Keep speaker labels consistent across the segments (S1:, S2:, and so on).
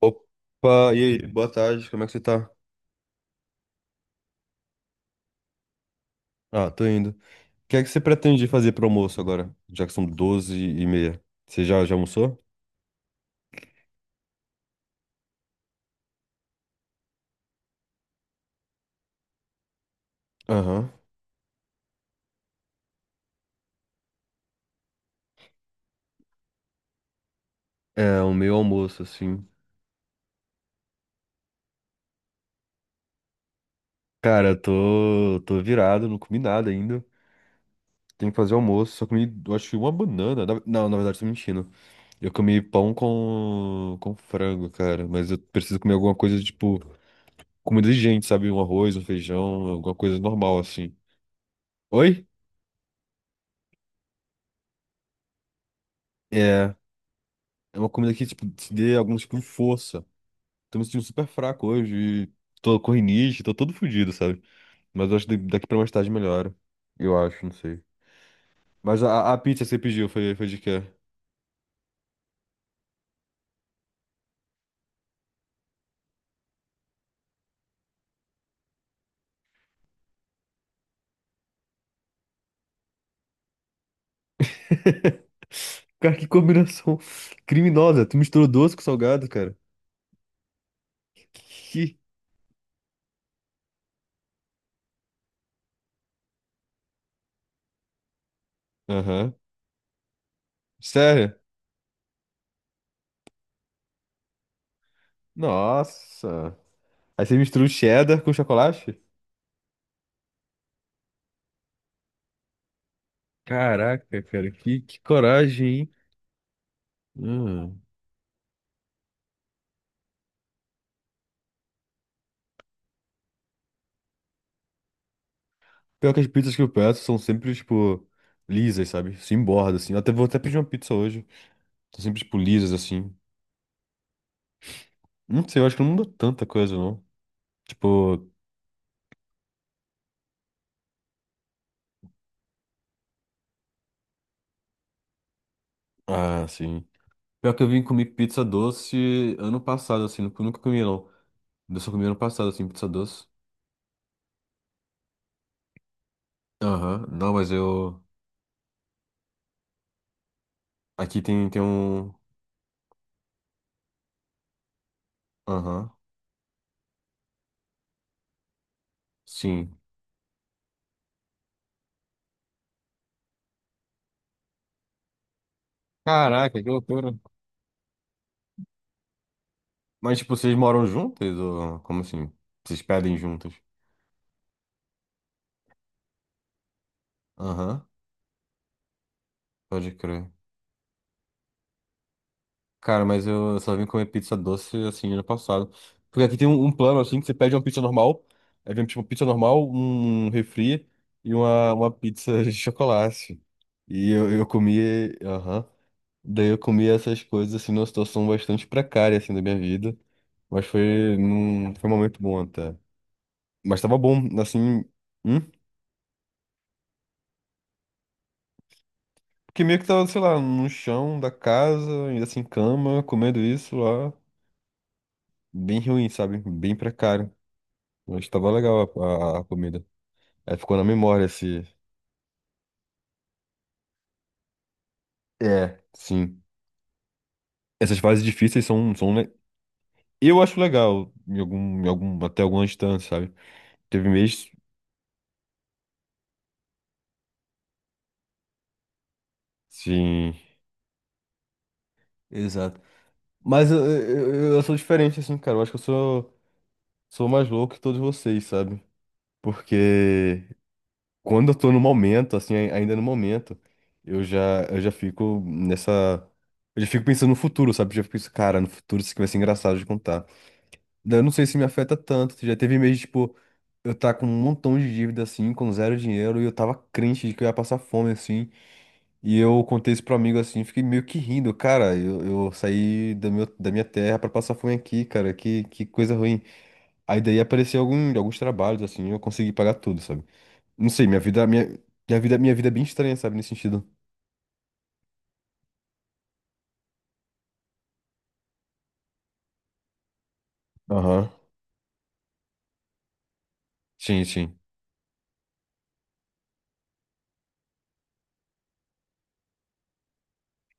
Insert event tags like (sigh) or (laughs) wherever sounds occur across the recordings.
S1: Opa, e aí? Boa tarde, como é que você tá? Ah, tô indo. O que é que você pretende fazer pro almoço agora? Já que são 12h30. Você já almoçou? Aham. É, o meu almoço, assim. Cara, eu tô virado, não comi nada ainda. Tenho que fazer almoço, só comi, eu acho que uma banana. Não, na verdade, tô mentindo. Eu comi pão com frango, cara. Mas eu preciso comer alguma coisa, tipo, comida de gente, sabe? Um arroz, um feijão, alguma coisa normal, assim. Oi? É. É uma comida que, tipo, te dê algum tipo de força. Tô me sentindo super fraco hoje. Tô com rinite, tô todo fudido, sabe? Mas eu acho que daqui pra mais tarde melhora. Eu acho, não sei. Mas a pizza que você pediu foi de quê? (laughs) Cara, que combinação (laughs) criminosa. Tu misturou doce com salgado, cara. Que... Aham. Sério? Nossa. Aí você misturou cheddar com chocolate? Caraca, cara, que coragem, hein? Hum. Pior que as pizzas que eu peço são sempre, tipo, lisas, sabe? Sem borda, assim. Eu até vou até pedir uma pizza hoje. São sempre, tipo, lisas, assim. Não sei, eu acho que não muda tanta coisa, não. Tipo, ah, sim. Pior que eu vim comer pizza doce ano passado, assim. Nunca nunca comi, não. Eu só comi ano passado, assim, pizza doce. Aham. Não, mas eu. Aqui tem um. Aham. Sim. Caraca, que loucura. Mas, tipo, vocês moram juntas? Ou como assim? Vocês pedem juntas? Aham. Pode crer. Cara, mas eu só vim comer pizza doce assim ano passado. Porque aqui tem um plano assim que você pede uma pizza normal, aí vem tipo pizza normal, um refri e uma pizza de chocolate. E eu comi, aham. Daí eu comi essas coisas assim numa situação bastante precária assim da minha vida, mas foi um momento bom até. Mas tava bom, assim, hum? Porque meio que tava, sei lá, no chão da casa, ainda assim cama, comendo isso lá, bem ruim, sabe? Bem precário. Mas tava legal a comida. Aí ficou na memória esse. É. Sim. Essas fases difíceis são. Eu acho legal, em algum, até alguma distância, sabe? Teve mês. Sim. Exato. Mas eu sou diferente, assim, cara. Eu acho que eu sou mais louco que todos vocês, sabe? Porque quando eu tô no momento, assim, ainda no momento, eu já fico nessa. Eu já fico pensando no futuro, sabe? Eu já fico pensando, cara, no futuro isso aqui vai ser engraçado de contar. Daí eu não sei se me afeta tanto. Já teve mês, tipo, eu tá com um montão de dívida, assim, com zero dinheiro, e eu tava crente de que eu ia passar fome, assim. E eu contei isso pro amigo, assim, fiquei meio que rindo. Cara, eu saí do da minha terra pra passar fome aqui, cara, que coisa ruim. Aí daí apareceu alguns trabalhos, assim, eu consegui pagar tudo, sabe? Não sei, minha vida é bem estranha, sabe, nesse sentido. Aham. Sim, sim.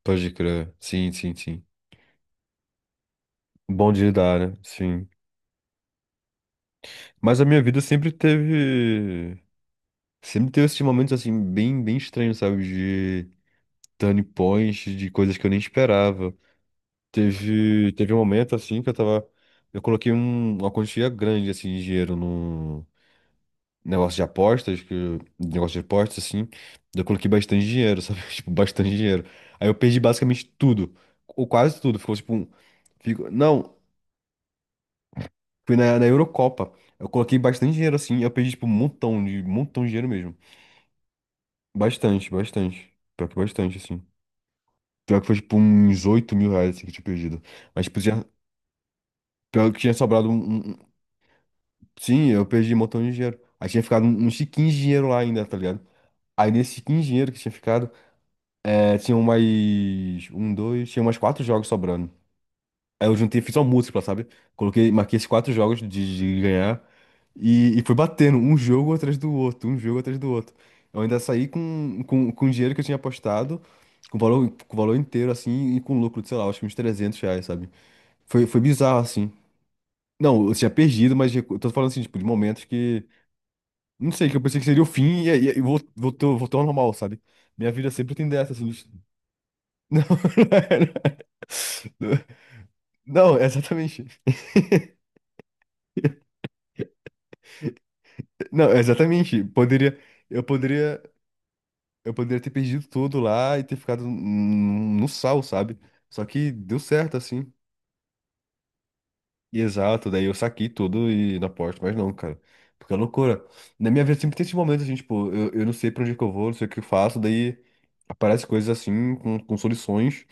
S1: Pode crer. Sim, sim, sim. Bom de lidar, né? Sim. Mas a minha vida sempre teve. Sempre teve esses momentos assim, bem, bem estranhos, sabe? De turning points, de coisas que eu nem esperava. Teve um momento assim que eu tava. Eu coloquei uma quantia grande assim, de dinheiro no negócio de apostas, que, negócio de apostas, assim. Eu coloquei bastante dinheiro, sabe? (laughs) Tipo, bastante dinheiro. Aí eu perdi basicamente tudo. Ou quase tudo. Ficou tipo um. Não, fui na Eurocopa. Eu coloquei bastante dinheiro assim, eu perdi tipo um montão de dinheiro mesmo. Bastante, bastante. Pior que bastante, assim. Pior que foi tipo uns R$ 8.000 assim, que eu tinha perdido. Mas tipo, tinha, pior que tinha sobrado um, Sim, eu perdi um montão de dinheiro. Aí tinha ficado uns 15 dinheiro lá ainda, tá ligado? Aí nesse 15 dinheiro que tinha ficado, é, tinham mais. Um, dois. Tinha mais quatro jogos sobrando. Aí eu juntei, fiz uma múltipla, sabe? Coloquei, marquei esses quatro jogos de ganhar. E fui batendo um jogo atrás do outro, um jogo atrás do outro. Eu ainda saí com o dinheiro que eu tinha apostado, com o valor inteiro, assim, e com lucro de, sei lá, acho que uns R$ 300, sabe? Foi bizarro, assim. Não, eu tinha perdido, mas eu tô falando assim, tipo, de momentos que. Não sei, que eu pensei que seria o fim e, aí e voltou ao normal, sabe? Minha vida sempre tem dessa, assim. (laughs) Não, não, era. Não, exatamente. Não, exatamente. Poderia. Eu poderia. Eu poderia ter perdido tudo lá e ter ficado no sal, sabe? Só que deu certo, assim. Exato, daí eu saquei tudo e na porta, mas não, cara. Porque é loucura. Na minha vida sempre tem esse momento assim, tipo, eu não sei pra onde que eu vou, não sei o que eu faço, daí aparece coisas assim, com soluções,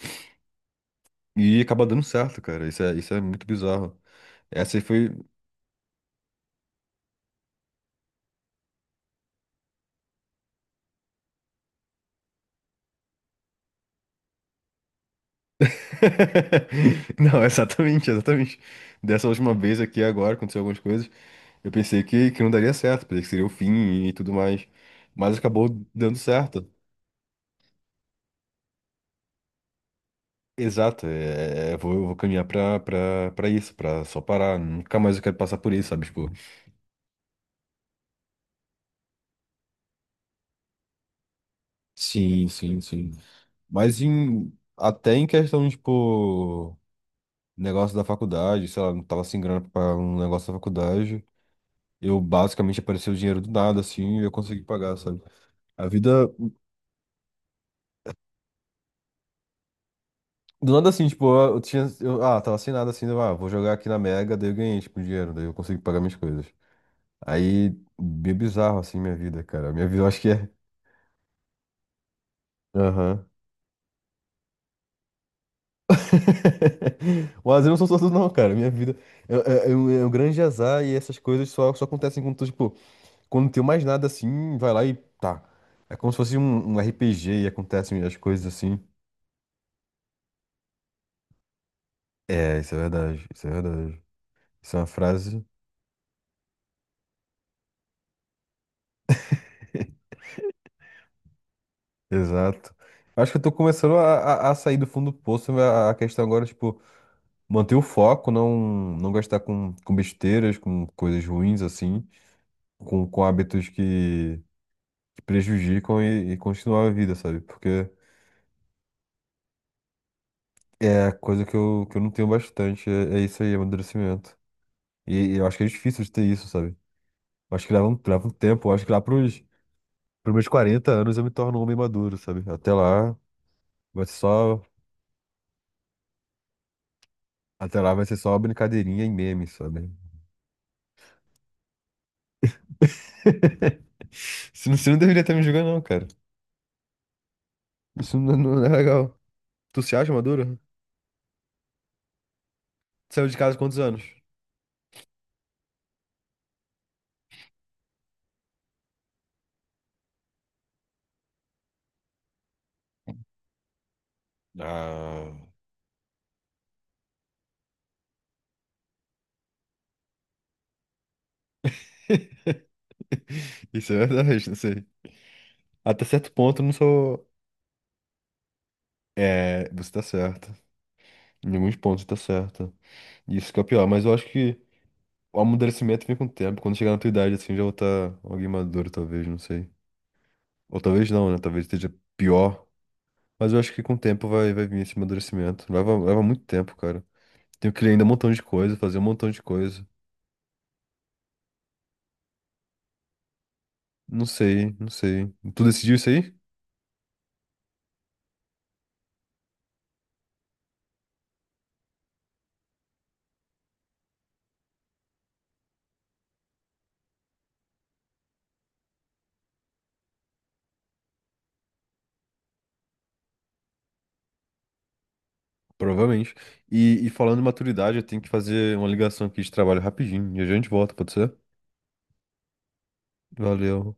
S1: e acaba dando certo, cara. Isso é muito bizarro. Essa aí foi. (laughs) Não, exatamente, exatamente. Dessa última vez aqui agora, aconteceu algumas coisas. Eu pensei que não daria certo, pensei que seria o fim e tudo mais. Mas acabou dando certo. Exato, é, eu vou caminhar pra isso, pra só parar. Nunca mais eu quero passar por isso, sabe? Tipo, sim, sim, sim. Mas até em questão, tipo, negócio da faculdade, sei lá, não tava sem grana pra pagar um negócio da faculdade. Eu basicamente apareceu o dinheiro do nada, assim, e eu consegui pagar, sabe? A vida. Do nada assim, tipo, eu tinha. Tava sem nada assim, vou jogar aqui na Mega, daí eu ganhei, tipo, um dinheiro, daí eu consegui pagar minhas coisas. Aí, bem bizarro, assim, minha vida, cara. Minha vida, eu acho que é. Aham. (laughs) O azar não são só tu, não, cara. Minha vida é, é um grande azar e essas coisas só acontecem quando tu, tipo, quando não tem mais nada assim, vai lá e tá. É como se fosse um RPG e acontecem as coisas assim. É, isso é verdade, isso é verdade. Isso é uma frase. Exato. Acho que eu tô começando a sair do fundo do poço. Mas a questão agora, é, tipo, manter o foco, não gastar com besteiras, com coisas ruins, assim, com hábitos que prejudicam e continuar a vida, sabe? Porque é coisa que eu não tenho bastante, é isso aí, amadurecimento. E eu acho que é difícil de ter isso, sabe? Eu acho que leva um tempo, eu acho que lá pros meus 40 anos eu me torno um homem maduro, sabe? Até lá vai ser só, até lá vai ser só brincadeirinha e meme, sabe? (laughs) Você não deveria estar me julgando, não, cara. Isso não é legal. Tu se acha maduro? Saiu de casa há quantos anos? Ah. (laughs) Isso é verdade, não sei. Até certo ponto eu não sou. É, você tá certo. Em alguns pontos você tá certo. Isso que é o pior, mas eu acho que o amadurecimento vem com o tempo. Quando chegar na tua idade, assim, já vou estar alguém maduro, talvez, não sei. Ou talvez não, né? Talvez esteja pior. Mas eu acho que com o tempo vai vir esse amadurecimento. Leva muito tempo, cara. Tenho que ler ainda um montão de coisa, fazer um montão de coisa. Não sei, não sei. Tu decidiu isso aí? Provavelmente. E falando em maturidade, eu tenho que fazer uma ligação aqui de trabalho rapidinho. E a gente volta, pode ser? Valeu.